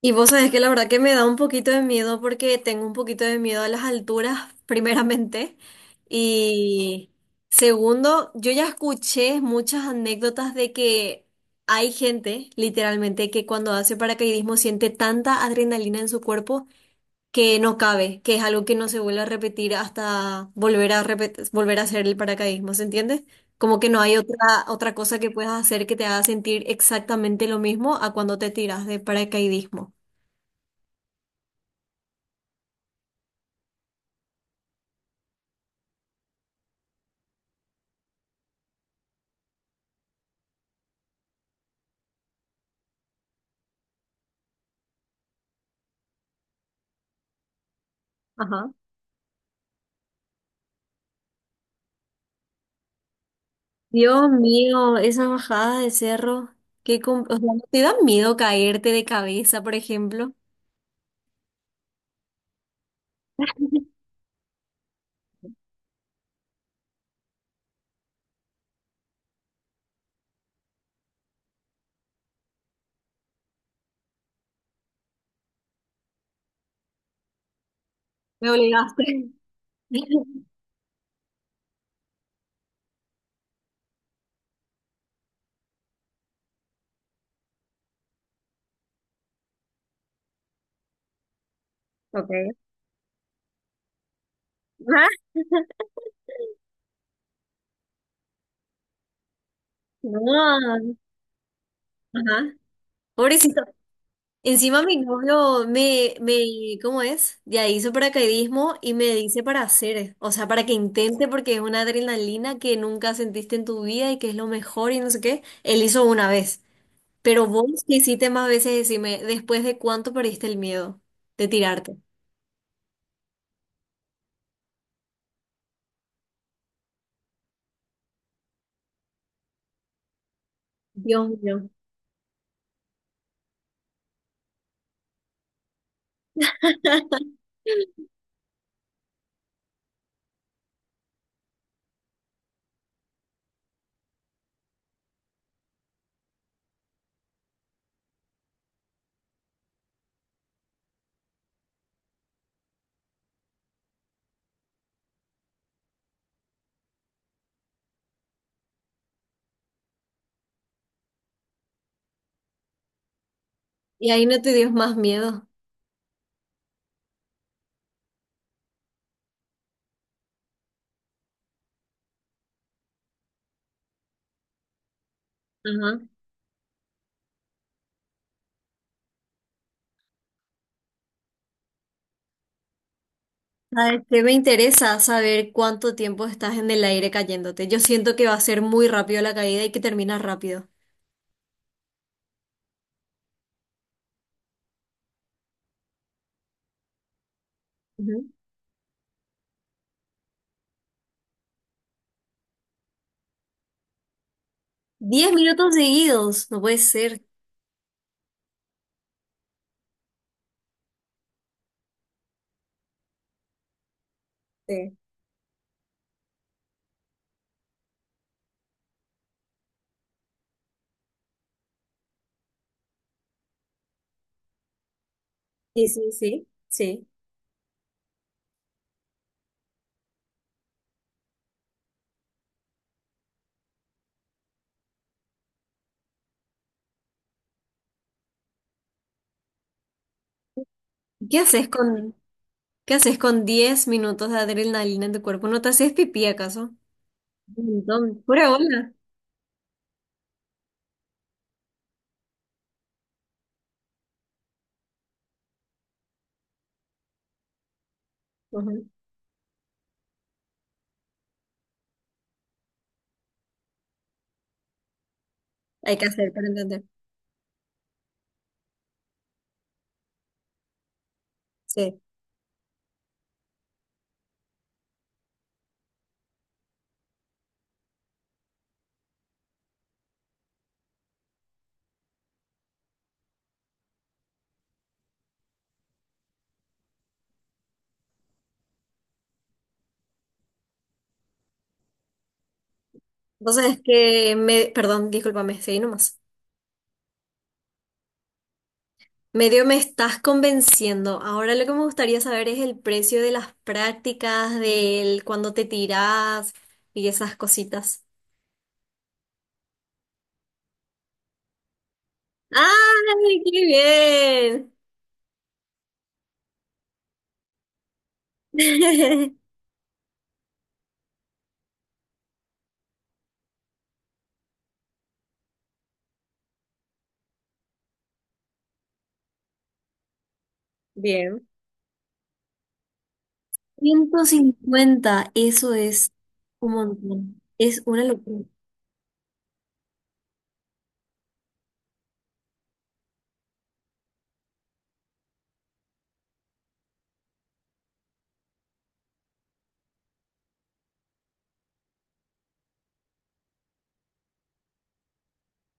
Y vos sabés que la verdad que me da un poquito de miedo porque tengo un poquito de miedo a las alturas, primeramente. Y segundo, yo ya escuché muchas anécdotas de que hay gente, literalmente, que cuando hace paracaidismo siente tanta adrenalina en su cuerpo que no cabe, que es algo que no se vuelve a repetir hasta volver a hacer el paracaidismo, ¿se entiende? Como que no hay otra cosa que puedas hacer que te haga sentir exactamente lo mismo a cuando te tiras de paracaidismo. Ajá. Dios mío, esa bajada de cerro, o sea, ¿no te da miedo caerte de cabeza, por ejemplo? Me obligaste. Ok. Ah, no. Ajá. Pobrecito. Encima mi novio me, ¿cómo es? Ya hizo paracaidismo y me dice para hacer, o sea, para que intente porque es una adrenalina que nunca sentiste en tu vida y que es lo mejor y no sé qué. Él hizo una vez. Pero vos que hiciste más veces, decime, ¿después de cuánto perdiste el miedo de tirarte? Dios mío. Y ahí no te dio más miedo. Ajá. ¿Sabes qué? Me interesa saber cuánto tiempo estás en el aire cayéndote. Yo siento que va a ser muy rápido la caída y que termina rápido. Ujú. 10 minutos seguidos, no puede ser. Sí, sí, sí, sí, sí. ¿Qué haces con, qué haces con 10 minutos de adrenalina en tu cuerpo? ¿No te haces pipí acaso? Un montón. Pura bola. Ajá. Hay que hacer para entender. Sí. Entonces es que me, perdón, discúlpame, seguí nomás. Medio me estás convenciendo. Ahora lo que me gustaría saber es el precio de las prácticas, del cuando te tirás y esas cositas. ¡Ay, qué bien! Bien. 150, eso es un montón. Es una locura.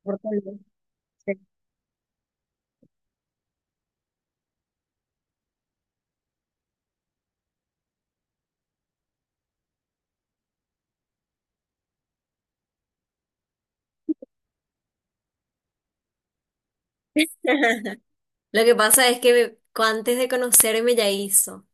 Por todo el mundo, sí. Lo que pasa es que antes de conocerme ya hizo.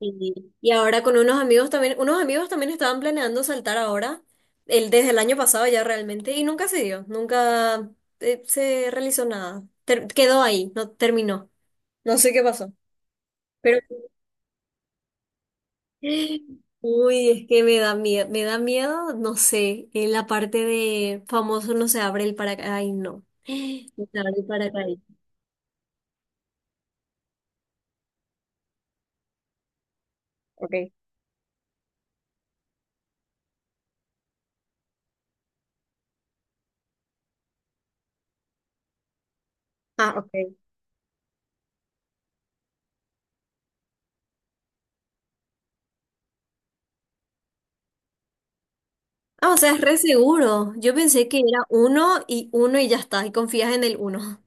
Y ahora con unos amigos también estaban planeando saltar ahora, desde el año pasado ya realmente, y nunca se dio, nunca se realizó nada. Quedó ahí, no terminó. No sé qué pasó. Pero, uy, es que me da miedo, no sé, en la parte de famoso no se abre el paracaídas. Ay, no. No se abre el paracaídas. Okay. Ah, ok. Ah, o sea, es re seguro. Yo pensé que era uno y uno y ya está, y confías en el uno.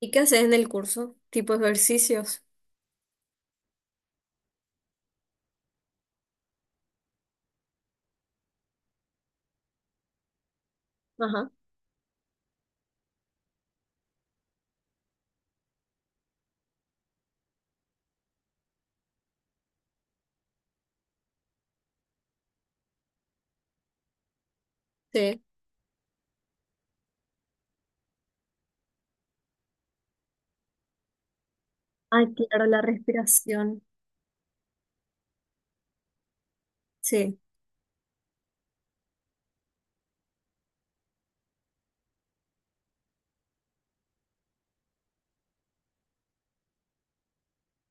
¿Y qué haces en el curso? ¿Tipo ejercicios? Ajá, sí. Ay, claro, la respiración. Sí,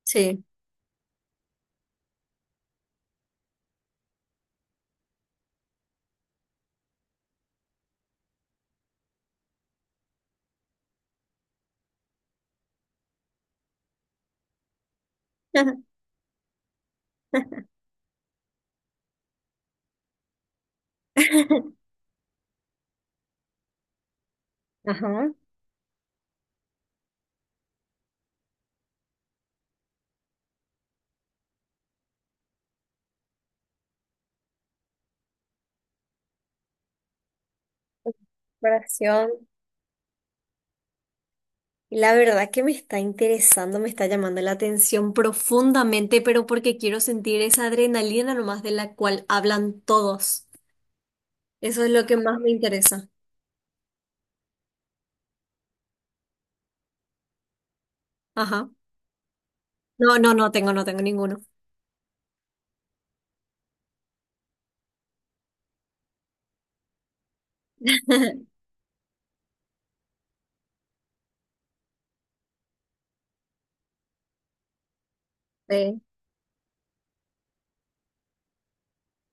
sí. Ajá, respiración. Y la verdad que me está interesando, me está llamando la atención profundamente, pero porque quiero sentir esa adrenalina nomás de la cual hablan todos. Eso es lo que más me interesa. Ajá. No, no no tengo, no tengo ninguno. Sí.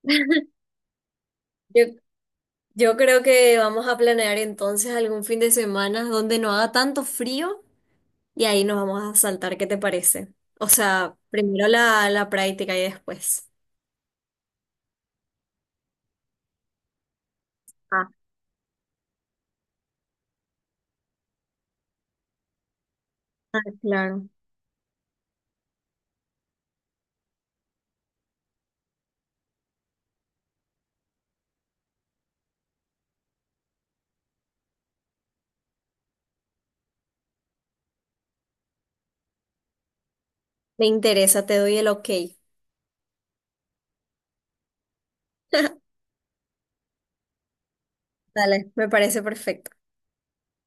Yo Yo creo que vamos a planear entonces algún fin de semana donde no haga tanto frío y ahí nos vamos a saltar, ¿qué te parece? O sea, primero la, la práctica y después. Ah, ah, claro. Me interesa, te doy el ok. Dale, me parece perfecto.